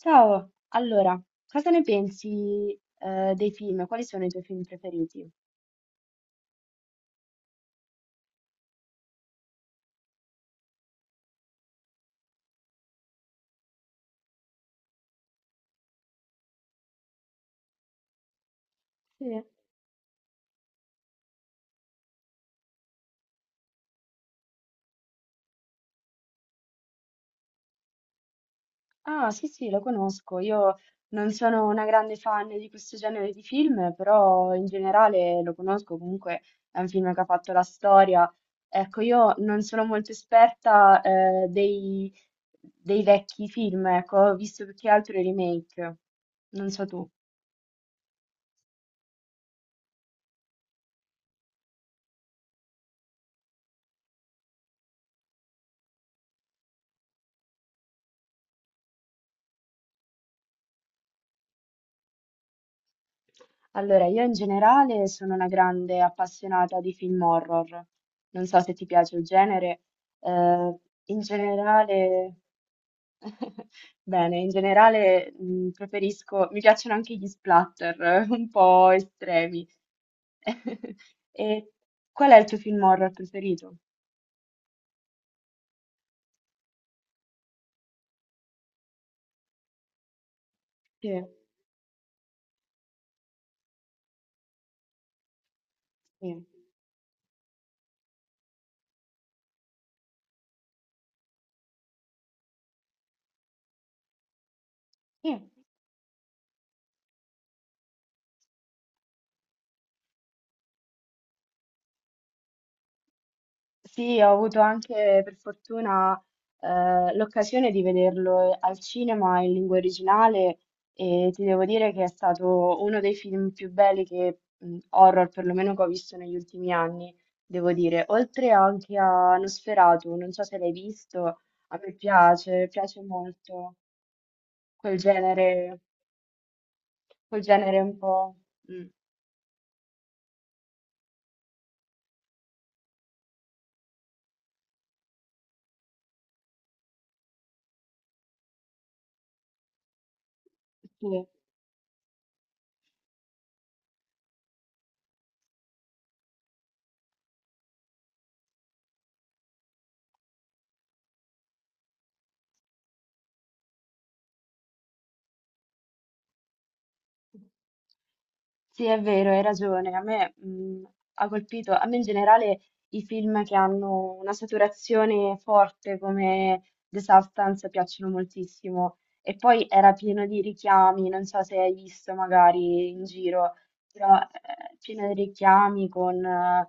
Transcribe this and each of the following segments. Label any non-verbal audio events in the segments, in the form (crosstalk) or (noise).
Ciao, allora, cosa ne pensi, dei film? Quali sono i tuoi film preferiti? Sì. Ah, sì, sì, lo conosco. Io non sono una grande fan di questo genere di film, però in generale lo conosco. Comunque è un film che ha fatto la storia. Ecco, io non sono molto esperta, dei vecchi film, ecco, ho visto più che altro i remake. Non so tu. Allora, io in generale sono una grande appassionata di film horror. Non so se ti piace il genere. eh, in generale, (laughs) bene, in generale preferisco, mi piacciono anche gli splatter, (laughs) un po' estremi. (laughs) E qual è il tuo film horror preferito? Sì, sì, sì. Sì, ho avuto anche per fortuna l'occasione di vederlo al cinema in lingua originale e ti devo dire che è stato uno dei film più belli che, horror perlomeno che ho visto negli ultimi anni, devo dire. Oltre anche a Nosferatu, non so se l'hai visto, a me piace, piace molto quel genere, quel genere un po'. Mm, sì. Sì, è vero, hai ragione. A me, ha colpito, a me in generale i film che hanno una saturazione forte come The Substance piacciono moltissimo. E poi era pieno di richiami, non so se hai visto magari in giro, però pieno di richiami con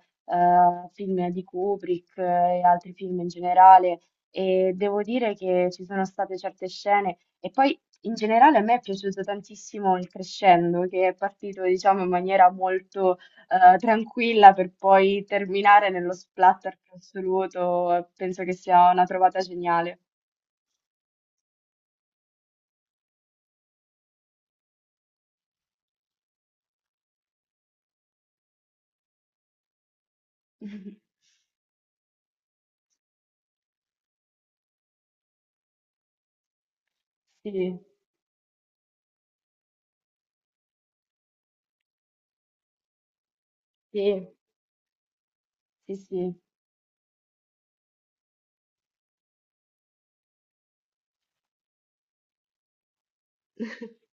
film di Kubrick e altri film in generale. E devo dire che ci sono state certe scene. E poi in generale a me è piaciuto tantissimo il crescendo, che è partito, diciamo, in maniera molto tranquilla per poi terminare nello splatter più assoluto. Penso che sia una trovata geniale. (laughs) Sì, sì, sì, sì. (laughs)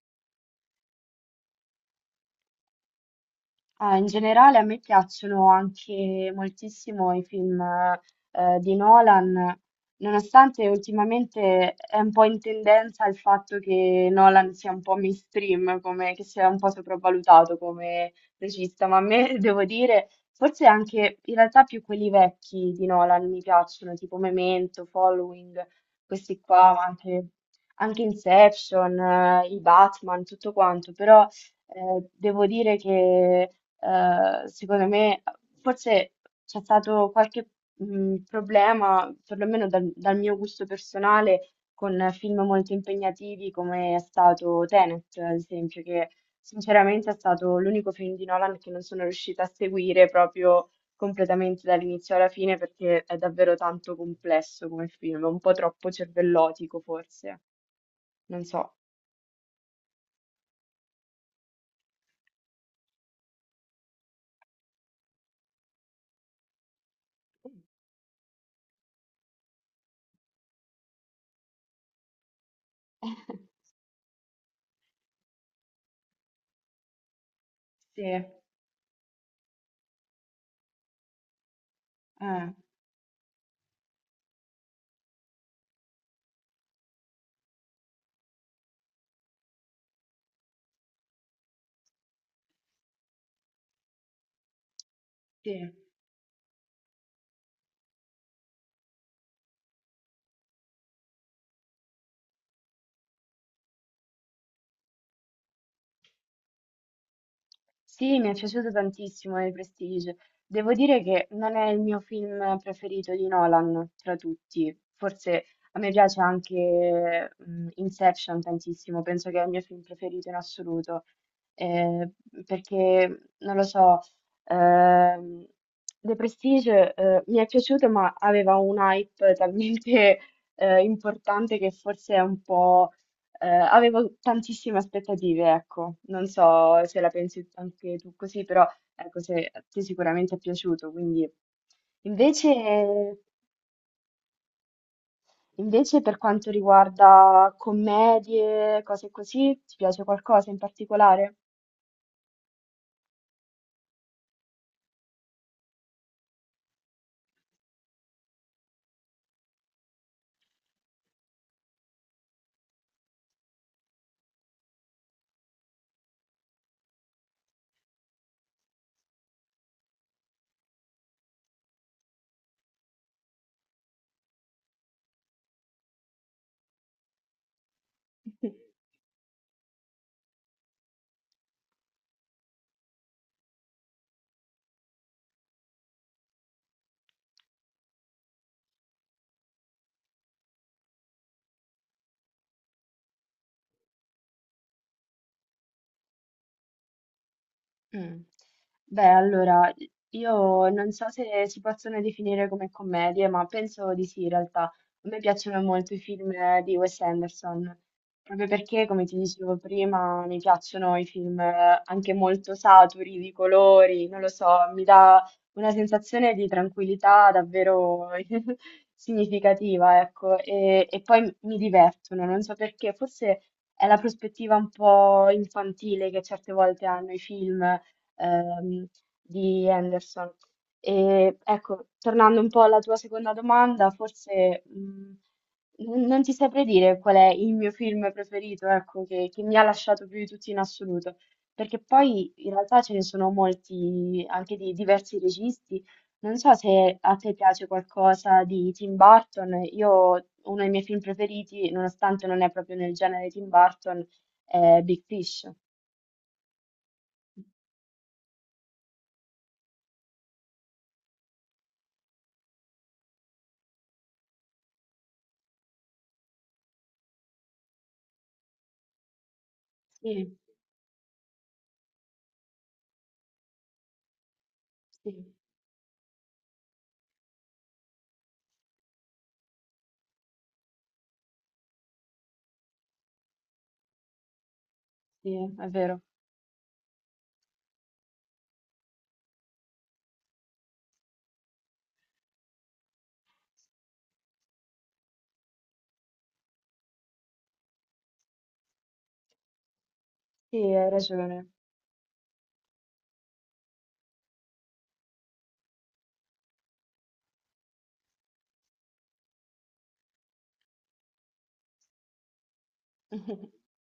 Ah, in generale a me piacciono anche moltissimo i film di Nolan, nonostante ultimamente è un po' in tendenza il fatto che Nolan sia un po' mainstream, come, che sia un po' sopravvalutato come regista, ma a me (laughs) devo dire, forse anche in realtà più quelli vecchi di Nolan mi piacciono, tipo Memento, Following, questi qua, ma anche Inception, i Batman, tutto quanto, però devo dire che secondo me forse c'è stato qualche problema, perlomeno dal mio gusto personale, con film molto impegnativi come è stato Tenet, ad esempio, che sinceramente è stato l'unico film di Nolan che non sono riuscita a seguire proprio completamente dall'inizio alla fine perché è davvero tanto complesso come film, un po' troppo cervellotico forse, non so. (laughs) Sì, eh, sì. Sì, mi è piaciuto tantissimo il Prestige. Devo dire che non è il mio film preferito di Nolan tra tutti. Forse a me piace anche Inception tantissimo, penso che è il mio film preferito in assoluto. Eh, perché non lo so, ehm, The Prestige mi è piaciuto, ma aveva un hype talmente (laughs) importante che forse è un po'. Avevo tantissime aspettative, ecco, non so se la pensi anche tu così, però ecco, se a te sicuramente è piaciuto, quindi invece, invece per quanto riguarda commedie, cose così, ti piace qualcosa in particolare? Mm. Beh, allora, io non so se si possono definire come commedie, ma penso di sì, in realtà. A me piacciono molto i film di Wes Anderson, proprio perché, come ti dicevo prima, mi piacciono i film anche molto saturi di colori, non lo so, mi dà una sensazione di tranquillità davvero (laughs) significativa, ecco, e poi mi divertono, non so perché, forse è la prospettiva un po' infantile che certe volte hanno i film ehm, di Henderson. E ecco, tornando un po' alla tua seconda domanda, forse non ti saprei dire qual è il mio film preferito, ecco, che mi ha lasciato più di tutti in assoluto, perché poi in realtà ce ne sono molti, anche di diversi registi. Non so se a te piace qualcosa di Tim Burton, io uno dei miei film preferiti, nonostante non è proprio nel genere Tim Burton, è Big Fish. Sì, sì. Sì, è vero. Sì, hai ragione. (laughs)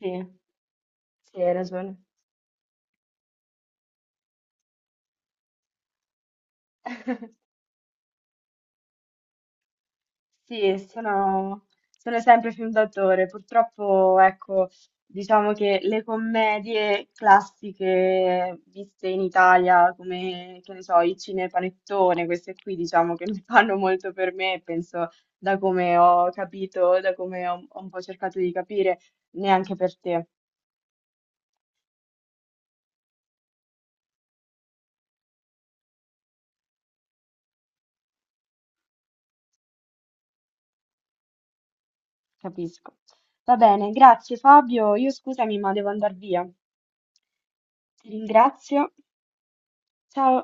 Sì, sì, hai ragione. (laughs) Sì, sono sempre film d'autore. Purtroppo, ecco, diciamo che le commedie classiche viste in Italia, come, che ne so, i cinepanettone, queste qui, diciamo che (laughs) non fanno molto per me, penso, da come ho capito, da come ho un po' cercato di capire, neanche per te. Capisco. Va bene, grazie Fabio. Io scusami, ma devo andare via. Ti ringrazio. Ciao.